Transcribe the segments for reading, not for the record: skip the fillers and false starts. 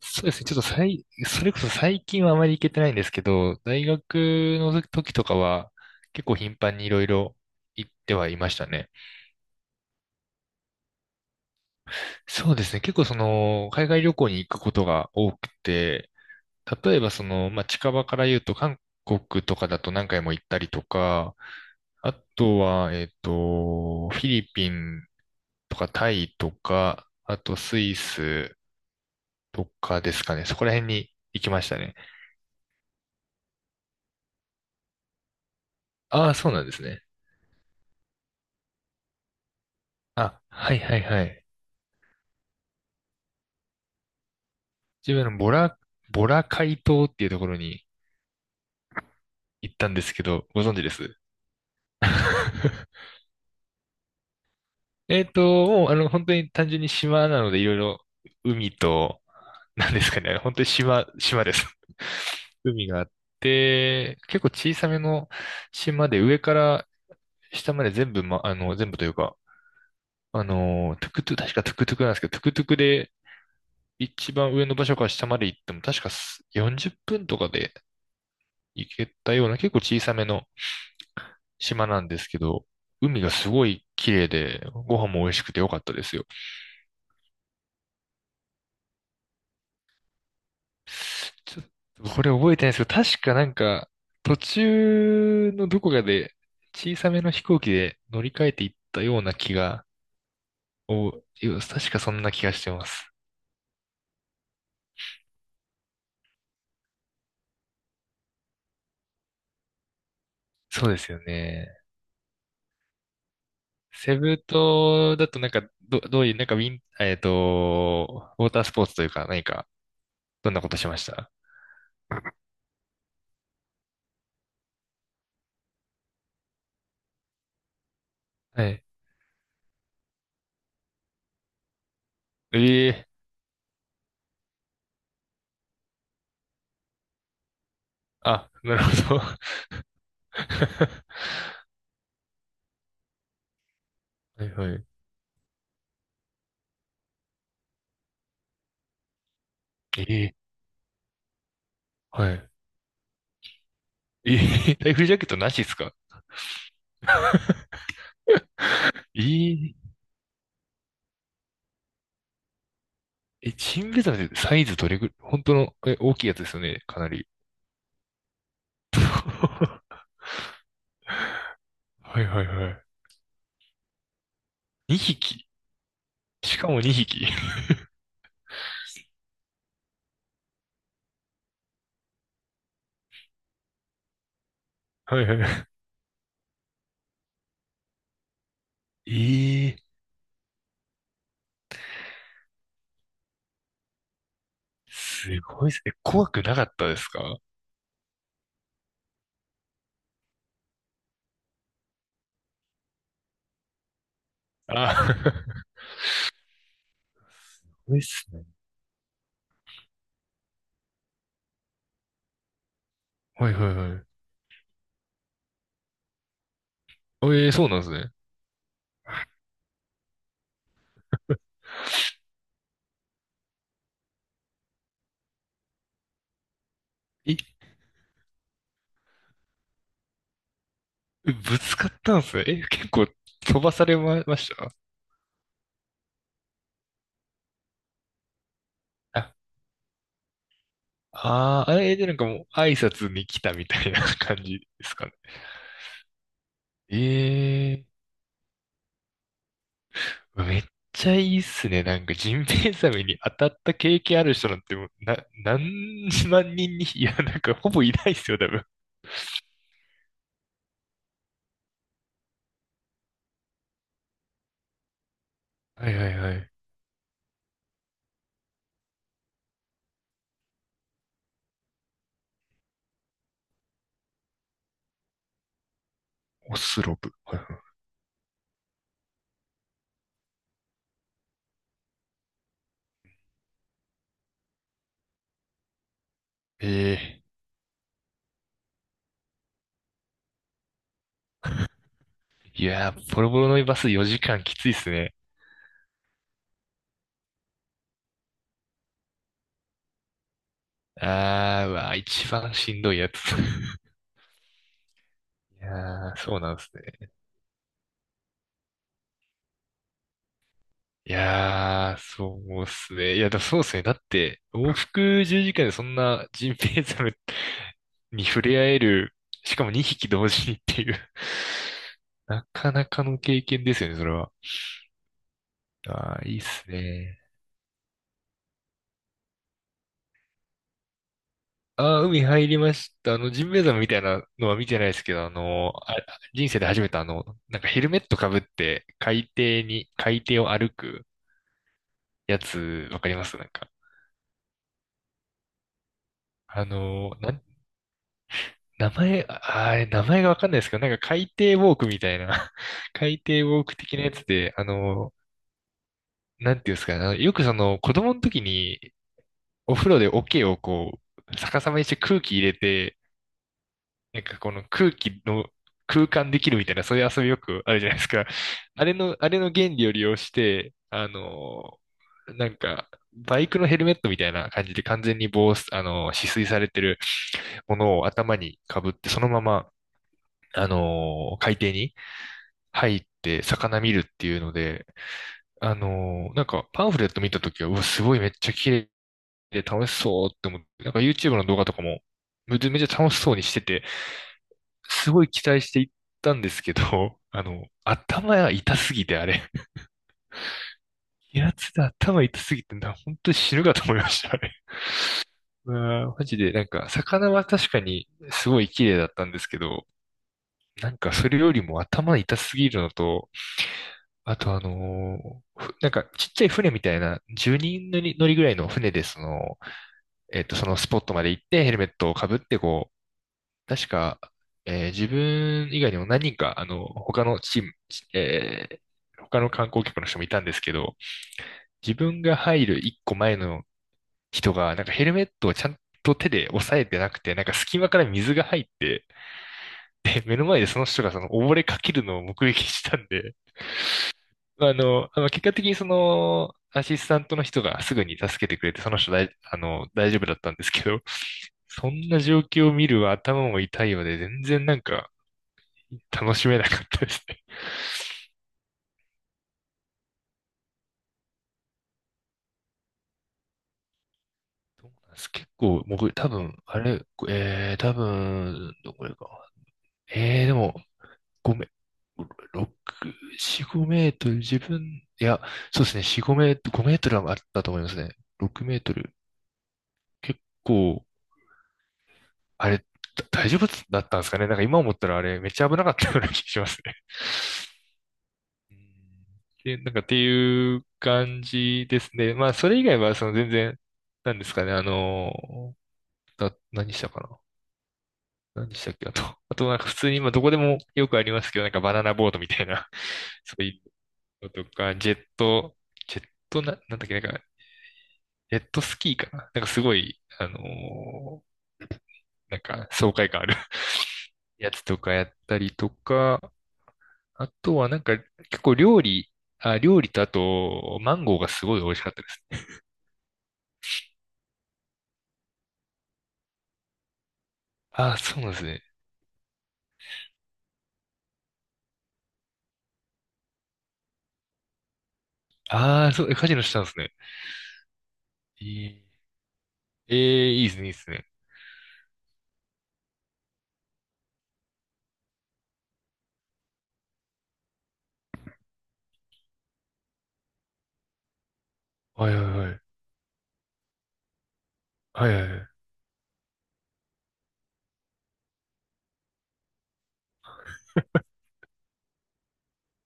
そうですね。ちょっとそれこそ最近はあまり行けてないんですけど、大学の時とかは結構頻繁にいろいろ行ってはいましたね。そうですね。結構海外旅行に行くことが多くて、例えば近場から言うと韓国とかだと何回も行ったりとか、あとは、フィリピンとかタイとか、あとスイスとかですかね。そこら辺に行きましたね。ああ、そうなんですね。あ、はいはいはい。自分のボラ海島っていうところに行ったんですけど、ご存知です？ えっと、もう、あの、本当に単純に島なので、いろいろ海と、なんですかね、本当に島、島です。 海があって、結構小さめの島で、上から下まで全部、ま、あの、全部というか、トゥクトゥ、確かトゥクトゥクなんですけど、トゥクトゥクで一番上の場所から下まで行っても、確か40分とかで行けたような、結構小さめの島なんですけど、海がすごい綺麗で、ご飯も美味しくて良かったですよ。ちょっとこれ覚えてないんですけど、確かなんか、途中のどこかで小さめの飛行機で乗り換えていったような気が、お、確かそんな気がしてます。そうですよね。セブ島だとなんか、どういう、なんかウィン、えっと、ウォータースポーツというか何か、どんなことしました？はい。ええ、あ、なるほど。はいはい。ええ、はい。えライフジャケットなしですか？えー、え、チンベザメってサイズどれぐらい、本当の、大きいやつですよね、かなり。はいはいはい。2匹。しかも2匹。はいはい。ええー。すごいっすね。え、怖くなかったですか？あ、怖いっすね。はいはいはい。ええー、そうなんですね。え、ぶつかったんですね。え、結構飛ばされま、ました？あ、あーあれでなんかもう挨拶に来たみたいな感じですかね。ええ。めっちゃいいっすね。なんか、ジンベエザメに当たった経験ある人なんてもう、何万人に、いや、なんか、ほぼいないっすよ、多分。はいはいはい。オスロブ。はいはい。ええ。いやー、ボロボロのバス4時間きついっすね。あー、うわー、一番しんどいやつ。いやー、そうなんですね。いやー、そうっすね。いや、だそうっすね。だって、往復10時間でそんなジンベエザメに触れ合える、しかも2匹同時にっていう なかなかの経験ですよね、それは。ああ、いいっすね。ああ、海入りました。あの、ジンベエザメみたいなのは見てないですけど、あの、人生で初めてなんかヘルメットかぶって海底を歩くやつ、わかりますなんか。あの、なん、名前、ああれ、名前がわかんないですけど、なんか海底ウォークみたいな、海底ウォーク的なやつで、なんていうんですかね、よくその子供の時にお風呂で桶をこう、逆さまにして空気入れて、なんかこの空気の空間できるみたいな、そういう遊びよくあるじゃないですか。あれの原理を利用して、バイクのヘルメットみたいな感じで完全に防、あの、止水されてるものを頭に被って、そのまま、海底に入って魚見るっていうので、なんかパンフレット見たときは、うわ、すごいめっちゃ綺で楽しそうって思って、なんか YouTube の動画とかもめちゃめちゃ楽しそうにしてて、すごい期待していったんですけど、頭が痛すぎてあれ、平津で頭痛すぎてな、本当に死ぬかと思いました、あれ。うわーマジで、なんか、魚は確かにすごい綺麗だったんですけど、なんかそれよりも頭痛すぎるのと、あとあのーふなんかちっちゃい船みたいな10人乗りぐらいの船でその、そのスポットまで行ってヘルメットをかぶってこう、確か、自分以外にも何人か、他のチーム、えー他の観光客の人もいたんですけど、自分が入る一個前の人が、なんかヘルメットをちゃんと手で押さえてなくて、なんか隙間から水が入って、で、目の前でその人がその溺れかけるのを目撃したんで、まあの、あの結果的にアシスタントの人がすぐに助けてくれて、その人だい、あの、大丈夫だったんですけど、そんな状況を見る頭も痛いので、全然なんか、楽しめなかったですね。どうなんです？結構、僕、多分、あれ、多分、どこれか。でも、ごめん。6、4、5メートル、自分、いや、そうですね、4、5メートル、5メートルはあったと思いますね。6メートル。結構、あれ、だ大丈夫だったんですかね。なんか今思ったらあれ、めっちゃ危なかったような気がしますね。うん。で、なんかっていう感じですね。まあ、それ以外は、全然、なんですかね、何したかな何したっけあと、あとなんか普通に今どこでもよくありますけど、なんかバナナボードみたいな、そういうのとか、ジェット、ジェットな、なんだっけ、なんか、ジェットスキーかななんかすごい、ーなんか爽快感ある やつとかやったりとか、あとはなんか結構料理とあと、マンゴーがすごい美味しかったですね。あー、そうなんですね。ああ、そう、えカジノしたんですね。えー、えーいいですね、いいですね。はいはいはい。はいはいはい。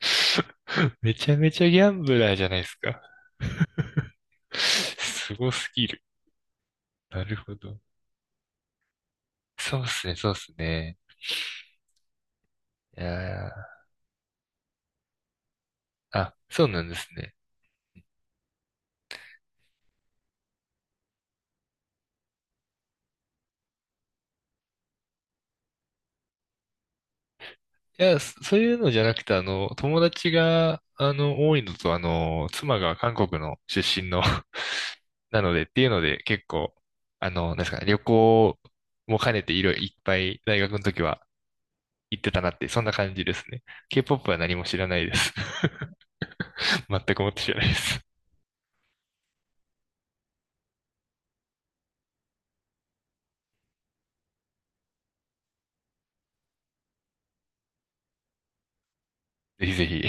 めちゃめちゃギャンブラーじゃないですか。すごすぎる。なるほど。そうっすね、そうっすね。いやー、あ、そうなんですね。いや、そそういうのじゃなくて、友達が、多いのと、妻が韓国の出身の なのでっていうので、結構、なんですかね、旅行も兼ねていろいろいっぱい大学の時は行ってたなって、そんな感じですね。K-POP は何も知らないです。全くもって知らないです。ぜひぜひ。